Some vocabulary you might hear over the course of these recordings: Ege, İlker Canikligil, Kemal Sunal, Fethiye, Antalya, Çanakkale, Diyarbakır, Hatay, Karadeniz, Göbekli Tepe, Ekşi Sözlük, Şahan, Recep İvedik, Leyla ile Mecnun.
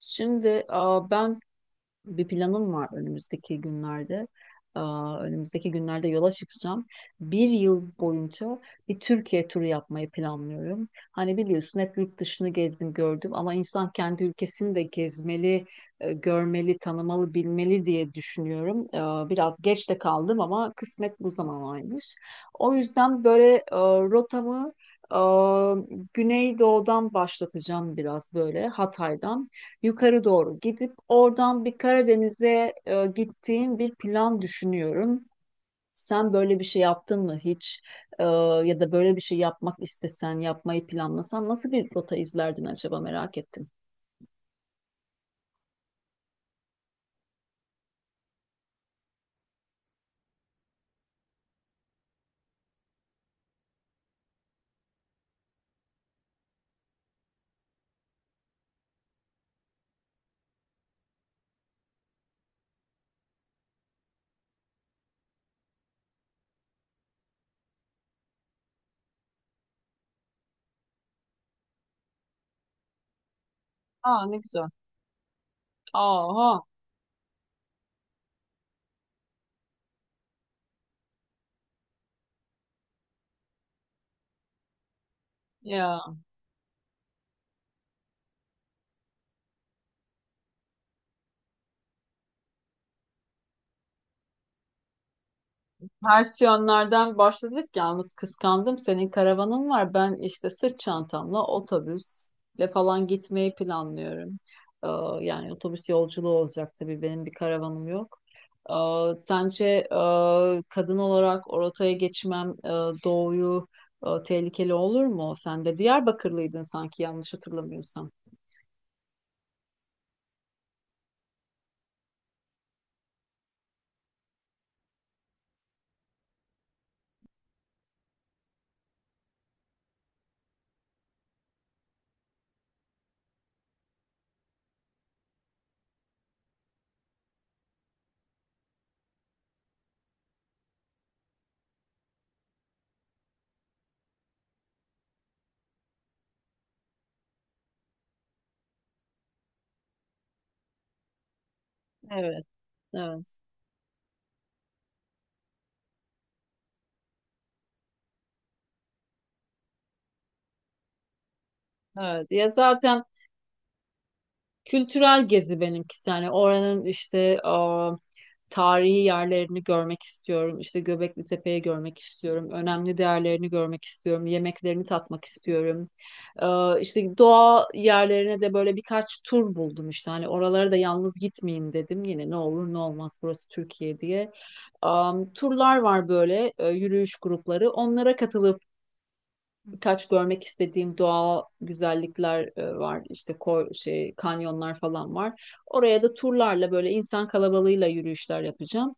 Şimdi ben bir planım var önümüzdeki günlerde. Önümüzdeki günlerde yola çıkacağım. Bir yıl boyunca bir Türkiye turu yapmayı planlıyorum. Hani biliyorsun hep yurt dışını gezdim gördüm ama insan kendi ülkesini de gezmeli, görmeli, tanımalı, bilmeli diye düşünüyorum. Biraz geç de kaldım ama kısmet bu zamanaymış. O yüzden böyle rotamı e, Güneydoğu'dan başlatacağım biraz böyle Hatay'dan yukarı doğru gidip oradan bir Karadeniz'e gittiğim bir plan düşünüyorum. Sen böyle bir şey yaptın mı hiç? E, Ya da böyle bir şey yapmak istesen, yapmayı planlasan nasıl bir rota izlerdin acaba merak ettim. Aa, ne güzel. Aha ya. Versiyonlardan başladık yalnız kıskandım. Senin karavanın var. Ben işte sırt çantamla otobüsle falan gitmeyi planlıyorum. Ee, Yani otobüs yolculuğu olacak tabii benim bir karavanım yok. Sence kadın olarak o rotaya geçmem doğuyu tehlikeli olur mu? Sen de Diyarbakırlıydın sanki yanlış hatırlamıyorsam. Evet, evet. Evet. Ya zaten kültürel gezi benimkisi, yani oranın işte tarihi yerlerini görmek istiyorum. İşte Göbekli Tepe'yi görmek istiyorum. Önemli değerlerini görmek istiyorum. Yemeklerini tatmak istiyorum. İşte doğa yerlerine de böyle birkaç tur buldum işte. Hani oralara da yalnız gitmeyeyim dedim. Yine ne olur ne olmaz burası Türkiye diye. Turlar var böyle yürüyüş grupları. Onlara katılıp birkaç görmek istediğim doğal güzellikler var. İşte kanyonlar falan var. Oraya da turlarla böyle insan kalabalığıyla yürüyüşler yapacağım.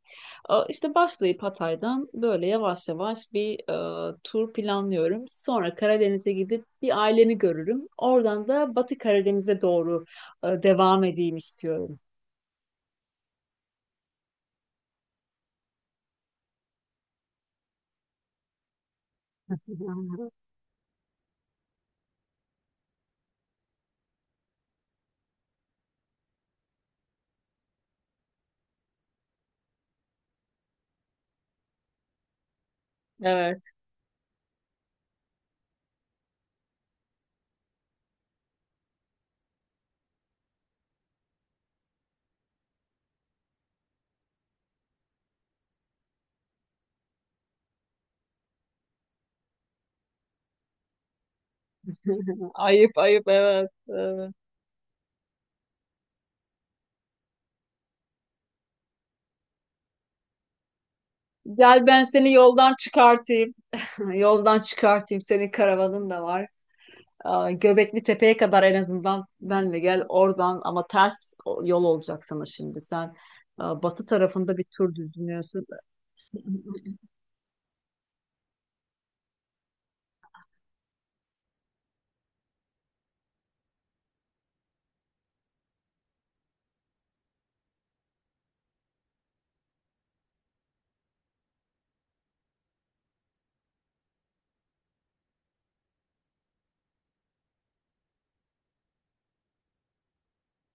İşte başlayıp Hatay'dan böyle yavaş yavaş bir tur planlıyorum. Sonra Karadeniz'e gidip bir ailemi görürüm. Oradan da Batı Karadeniz'e doğru devam edeyim istiyorum. Evet. Ayıp ayıp, evet. Evet. Gel ben seni yoldan çıkartayım. Yoldan çıkartayım. Senin karavanın da var. Göbekli Tepe'ye kadar en azından benle gel oradan, ama ters yol olacak sana şimdi. Sen batı tarafında bir tur düzlüyorsun.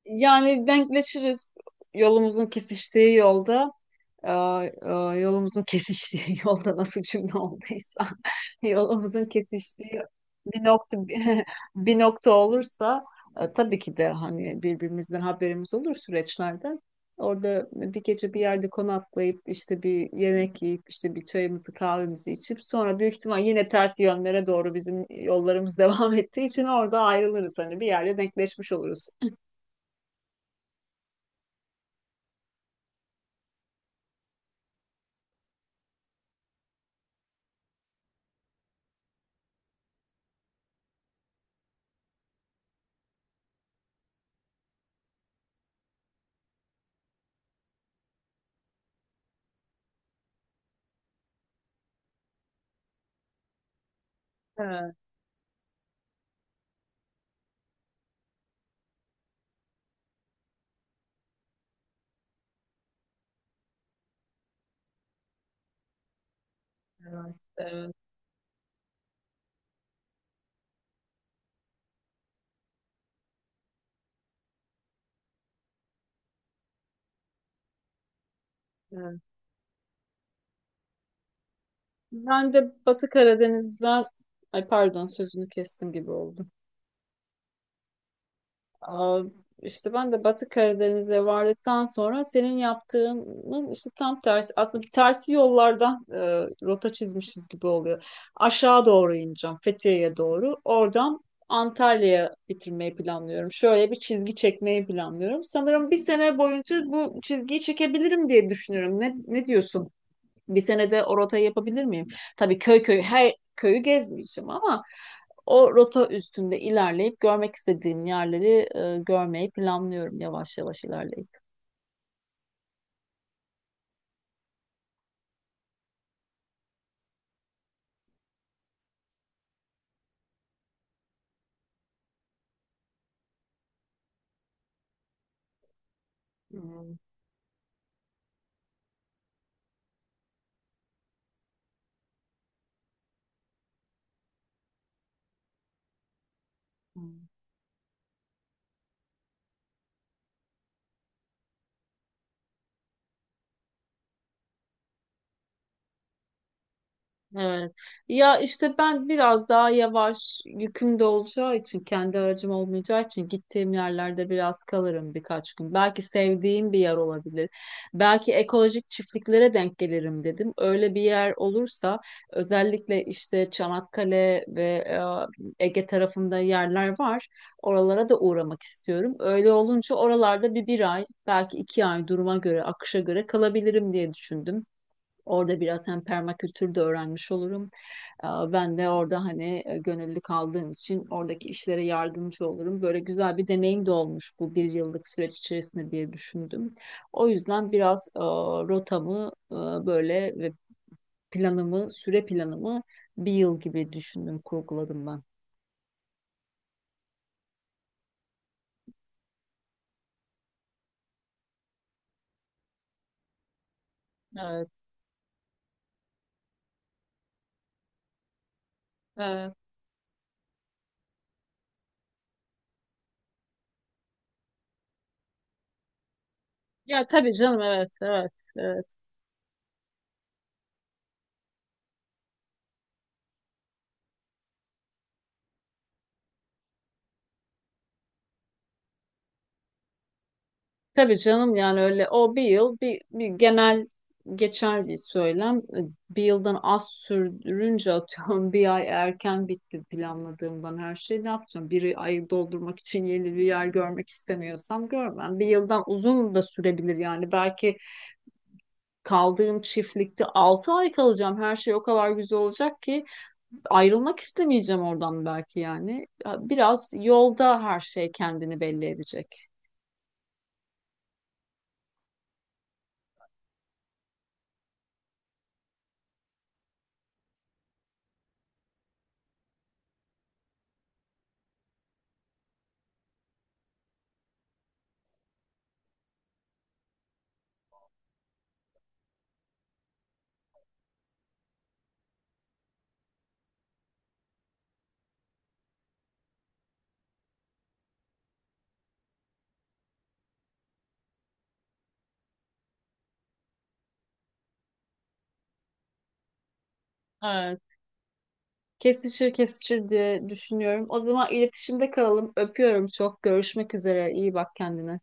Yani denkleşiriz yolumuzun kesiştiği yolda. e, e, Yolumuzun kesiştiği yolda, nasıl cümle olduysa, yolumuzun kesiştiği bir nokta, bir nokta olursa, tabii ki de hani birbirimizden haberimiz olur süreçlerden. Orada bir gece bir yerde konaklayıp işte bir yemek yiyip işte bir çayımızı kahvemizi içip sonra büyük ihtimal yine ters yönlere doğru bizim yollarımız devam ettiği için orada ayrılırız. Hani bir yerde denkleşmiş oluruz. Evet, evet, evet. Ben de Batı Karadeniz'den, ay pardon, sözünü kestim gibi oldu. Aa, işte ben de Batı Karadeniz'e vardıktan sonra senin yaptığının işte tam tersi. Aslında bir tersi yollardan rota çizmişiz gibi oluyor. Aşağı doğru ineceğim, Fethiye'ye doğru. Oradan Antalya'ya bitirmeyi planlıyorum. Şöyle bir çizgi çekmeyi planlıyorum. Sanırım bir sene boyunca bu çizgiyi çekebilirim diye düşünüyorum. Ne diyorsun? Bir senede o rotayı yapabilir miyim? Tabii köy köy her köyü gezmeyeceğim ama o rota üstünde ilerleyip görmek istediğim yerleri görmeyi planlıyorum, yavaş yavaş ilerleyip. Hmm. Evet. Ya işte ben biraz daha yavaş, yüküm de olacağı için, kendi aracım olmayacağı için gittiğim yerlerde biraz kalırım birkaç gün. Belki sevdiğim bir yer olabilir. Belki ekolojik çiftliklere denk gelirim dedim. Öyle bir yer olursa, özellikle işte Çanakkale ve Ege tarafında yerler var. Oralara da uğramak istiyorum. Öyle olunca oralarda bir ay belki 2 ay, duruma göre akışa göre kalabilirim diye düşündüm. Orada biraz hem permakültür de öğrenmiş olurum. Ben de orada hani gönüllü kaldığım için oradaki işlere yardımcı olurum. Böyle güzel bir deneyim de olmuş bu bir yıllık süreç içerisinde diye düşündüm. O yüzden biraz rotamı böyle ve planımı, süre planımı bir yıl gibi düşündüm, kurguladım ben. Evet, evet. Ya tabii canım, evet, evet. Tabii canım, yani öyle, o bir yıl bir genel geçer bir söylem. Bir yıldan az sürdürünce, atıyorum, bir ay erken bitti planladığımdan, her şey, ne yapacağım? Bir ayı doldurmak için yeni bir yer görmek istemiyorsam görmem. Bir yıldan uzun da sürebilir yani, belki kaldığım çiftlikte 6 ay kalacağım, her şey o kadar güzel olacak ki ayrılmak istemeyeceğim oradan belki, yani. Biraz yolda her şey kendini belli edecek. Kesişir kesişir diye düşünüyorum. O zaman iletişimde kalalım. Öpüyorum çok. Görüşmek üzere. İyi bak kendine.